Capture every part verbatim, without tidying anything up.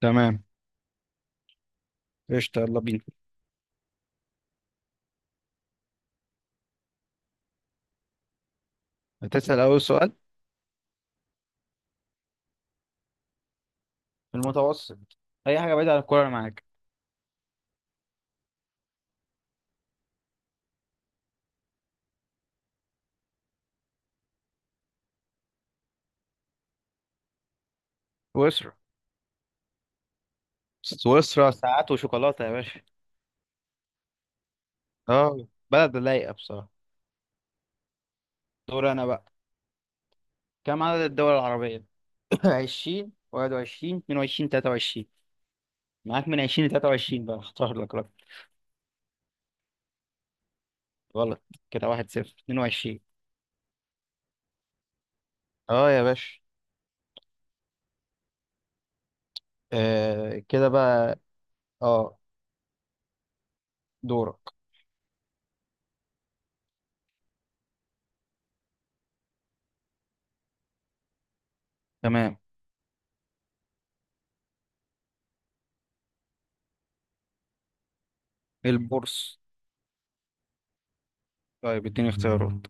تمام. قشطة، يلا بينا. هتسأل أول سؤال؟ في المتوسط. أي حاجة بعيدة عن الكورة أنا معاك. سويسرا. سويسرا ساعات وشوكولاتة يا باشا. اه، بلد لايقة بصراحة. دور أنا بقى. كم عدد الدول العربية؟ عشرين واحد وعشرين اتنين وعشرين تلاتة وعشرين. معاك من عشرين ل تلاتة وعشرين بقى، اختار لك رقم. غلط. كده واحد صفر. اتنين وعشرين. اه يا باشا. آه كده بقى. اه. دورك. تمام. البورصة. طيب اديني اختيارات.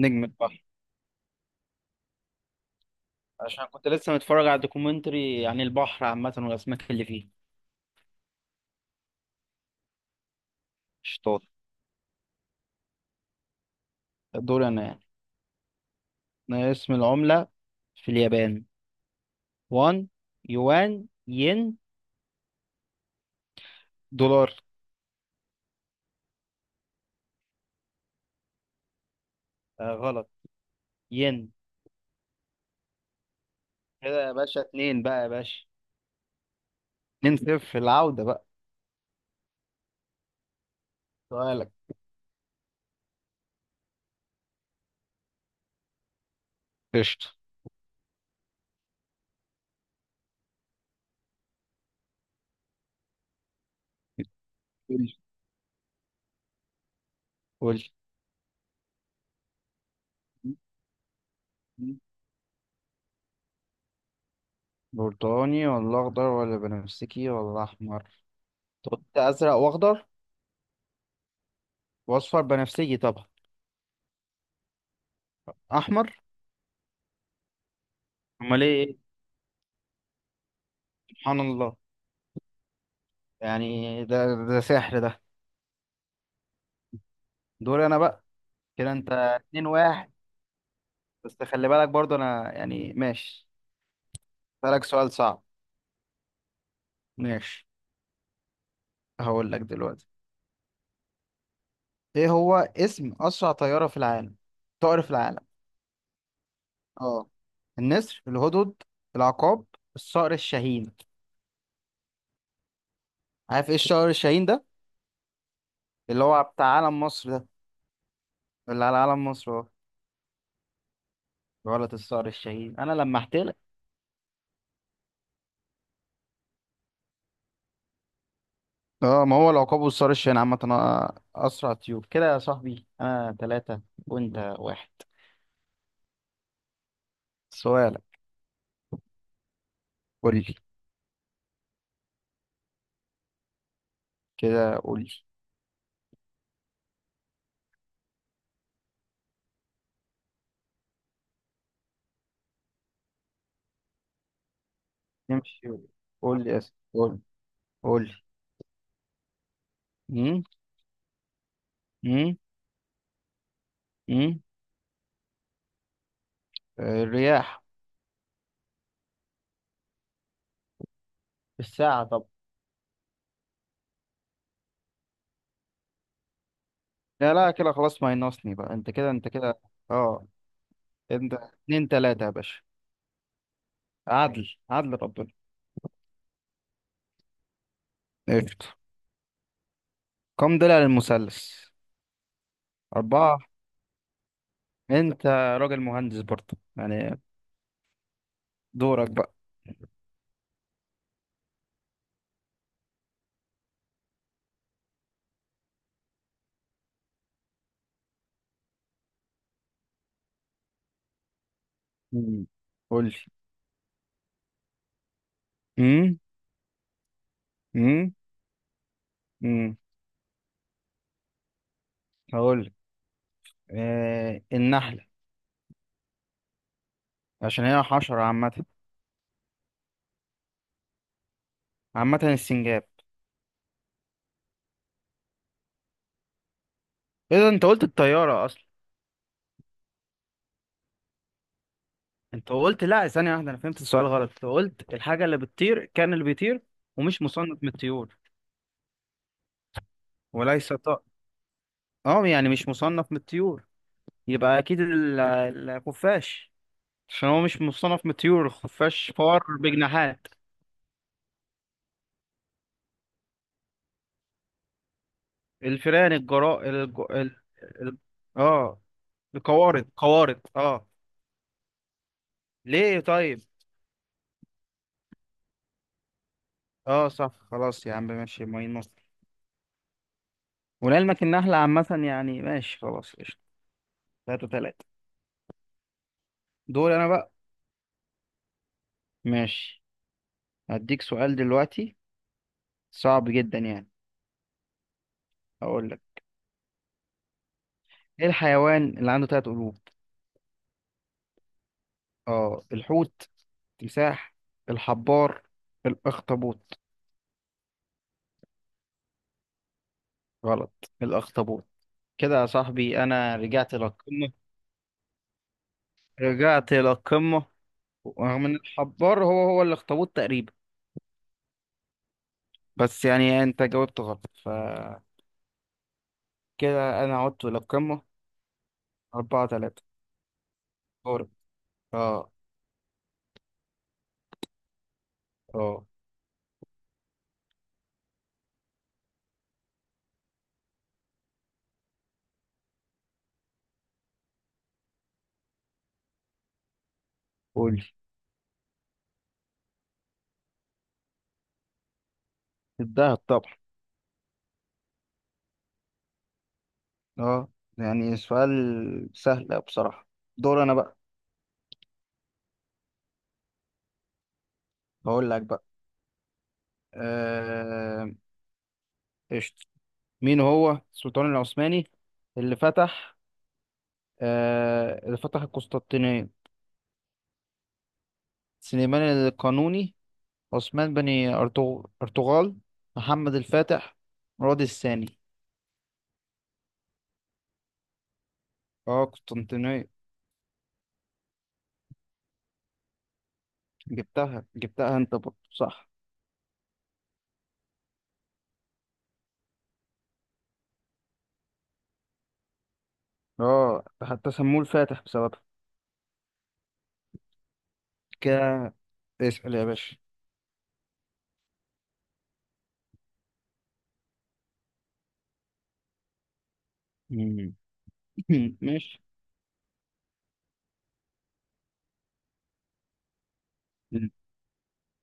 نجم. عشان كنت لسه متفرج على دوكيومنتري عن البحر عامة والأسماك اللي فيه. شطار. دول أنا يعني. أنا اسم العملة في اليابان: وان، يوان، ين، دولار. آه غلط. ين. كده يا باشا، اتنين بقى يا باشا. اتنين صفر العودة بقى. سؤالك. قشطة. قول. قول. برتقاني ولا أخضر ولا بنفسجي ولا أحمر. كنت أزرق وأخضر. وأصفر بنفسجي طبعا. أحمر. أمال إيه. سبحان الله. يعني ده ده سحر ده. دوري انا بقى. كده انت اتنين واحد. بس خلي بالك برضو انا يعني ماشي. بالك سؤال صعب. ماشي. هقول لك دلوقتي. ايه هو اسم اسرع طيارة في العالم؟ طائر في العالم. اه. النسر، الهدهد، العقاب، الصقر الشاهين. عارف ايه الصقر الشاهين ده؟ اللي هو بتاع علم مصر ده. اللي على علم مصر اهو. غلط. الصقر الشاهين. انا لمحت لك. اه، ما هو العقاب والصقر الشاهين عامة أ- اسرع طيور. كده يا صاحبي انا ثلاثة وانت واحد. سؤالك. قول لي. كده قول لي. نمشي. قول لي، اسف، قول. قول لي. امم امم الرياح. بالساعة طب. لا لا، كده خلاص ما ينقصني بقى. انت كده، انت كده. اه. انت اتنين تلاتة يا باشا. عدل، ماشي، عدل ربنا. قشطة. كم ضلع للمثلث؟ أربعة. أنت راجل مهندس برضه يعني. دورك بقى. مم. قول لي. امم امم امم هقول لك. آه النحلة. عشان هي حشرة عامة. عامة، السنجاب. إيه ده، أنت قلت الطيارة أصلا. انت قلت، لا ثانية واحدة، انا فهمت السؤال غلط. انت قلت الحاجة اللي بتطير، كان اللي بيطير ومش مصنف من الطيور. وليس طائر. اه، يعني مش مصنف من الطيور. يبقى اكيد ال- الخفاش. عشان هو مش مصنف من الطيور. الخفاش فار بجناحات. الفئران، الجراء الج... ال... ال... اه، القوارض، قوارض. اه. ليه طيب. اه صح، خلاص يا عم، ماشي ماي نص. ولعلمك النحلة عامة يعني، ماشي خلاص قشطة. تلاتة تلاتة. دول انا بقى. ماشي. هديك سؤال دلوقتي صعب جدا يعني. اقول لك. ايه الحيوان اللي عنده ثلاث قلوب؟ اه، الحوت، تمساح، الحبار، الاخطبوط. غلط. الاخطبوط. كده يا صاحبي انا رجعت للقمه، رجعت للقمه. رغم ان الحبار هو هو الاخطبوط تقريبا، بس يعني انت جاوبت غلط فكده. انا عدت للقمه. أربعة ثلاثة. دورك. اه. اه. قولي. الدهب طبعا. اه، يعني سؤال سهل بصراحة. دور انا بقى. هقول لك بقى. آه، قشطة. مين هو السلطان العثماني اللي فتح، آه، اللي فتح القسطنطينية؟ سليمان القانوني، عثمان بن، أرطغ- أرطغرل، محمد الفاتح، مراد الثاني. اه، قسطنطينية. جبتها جبتها انت برضه، صح. اه حتى سموه الفاتح بسببها. كده اسأل يا باشا. مم. ماشي.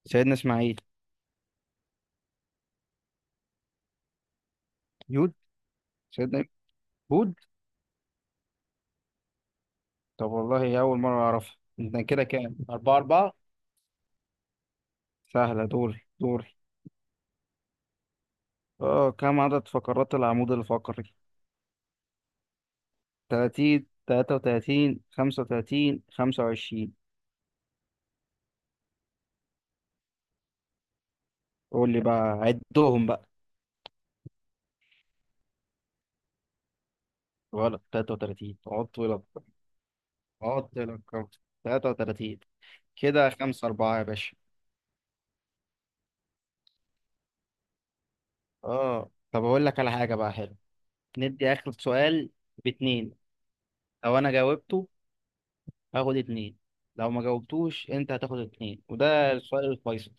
سيدنا إسماعيل. يود. سيدنا هود. طب والله أول مرة أعرفها. انت كده كام؟ أربعة أربعة. سهلة. دوري دوري. اه. كم عدد فقرات العمود الفقري؟ تلاتين تلاتة وتلاتين خمسة وتلاتين خمسة وعشرين. قول لي بقى، عدهم بقى. غلط. تلاتة وتلاتين عط لك. عط لك كم؟ تلاتة وتلاتين. كده خمسة أربعة يا باشا. اه، طب اقول لك على حاجة بقى حلو. ندي آخر سؤال باتنين. لو انا جاوبته هاخد اتنين، لو ما جاوبتوش انت هتاخد اتنين، وده السؤال الفيصل.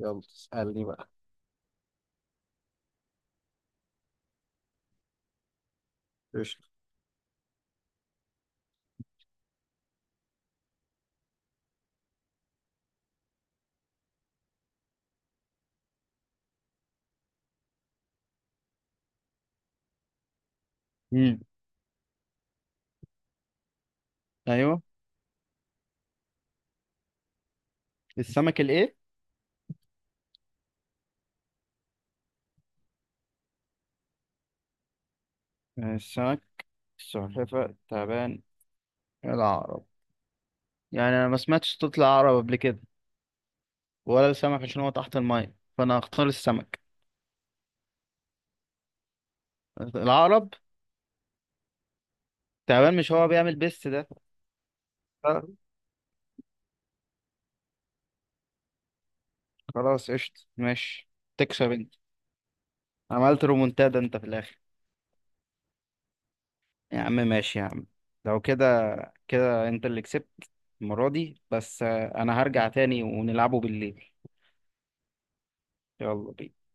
يلا اسألني بقى. قشطة. امم ايوه. السمك الايه. السمك، السلحفة، تعبان، العقرب. يعني أنا ما سمعتش صوت العقرب قبل كده، ولا السمك عشان هو تحت المية، فأنا هختار السمك. العقرب. تعبان، مش هو بيعمل بيست ده؟ آه، خلاص قشطة ماشي. تكسب أنت. عملت رومونتادا أنت في الآخر. يا عم ماشي يا عم. لو كده، كده أنت اللي كسبت المرة دي. بس آه، أنا هرجع تاني ونلعبه بالليل. يلا بينا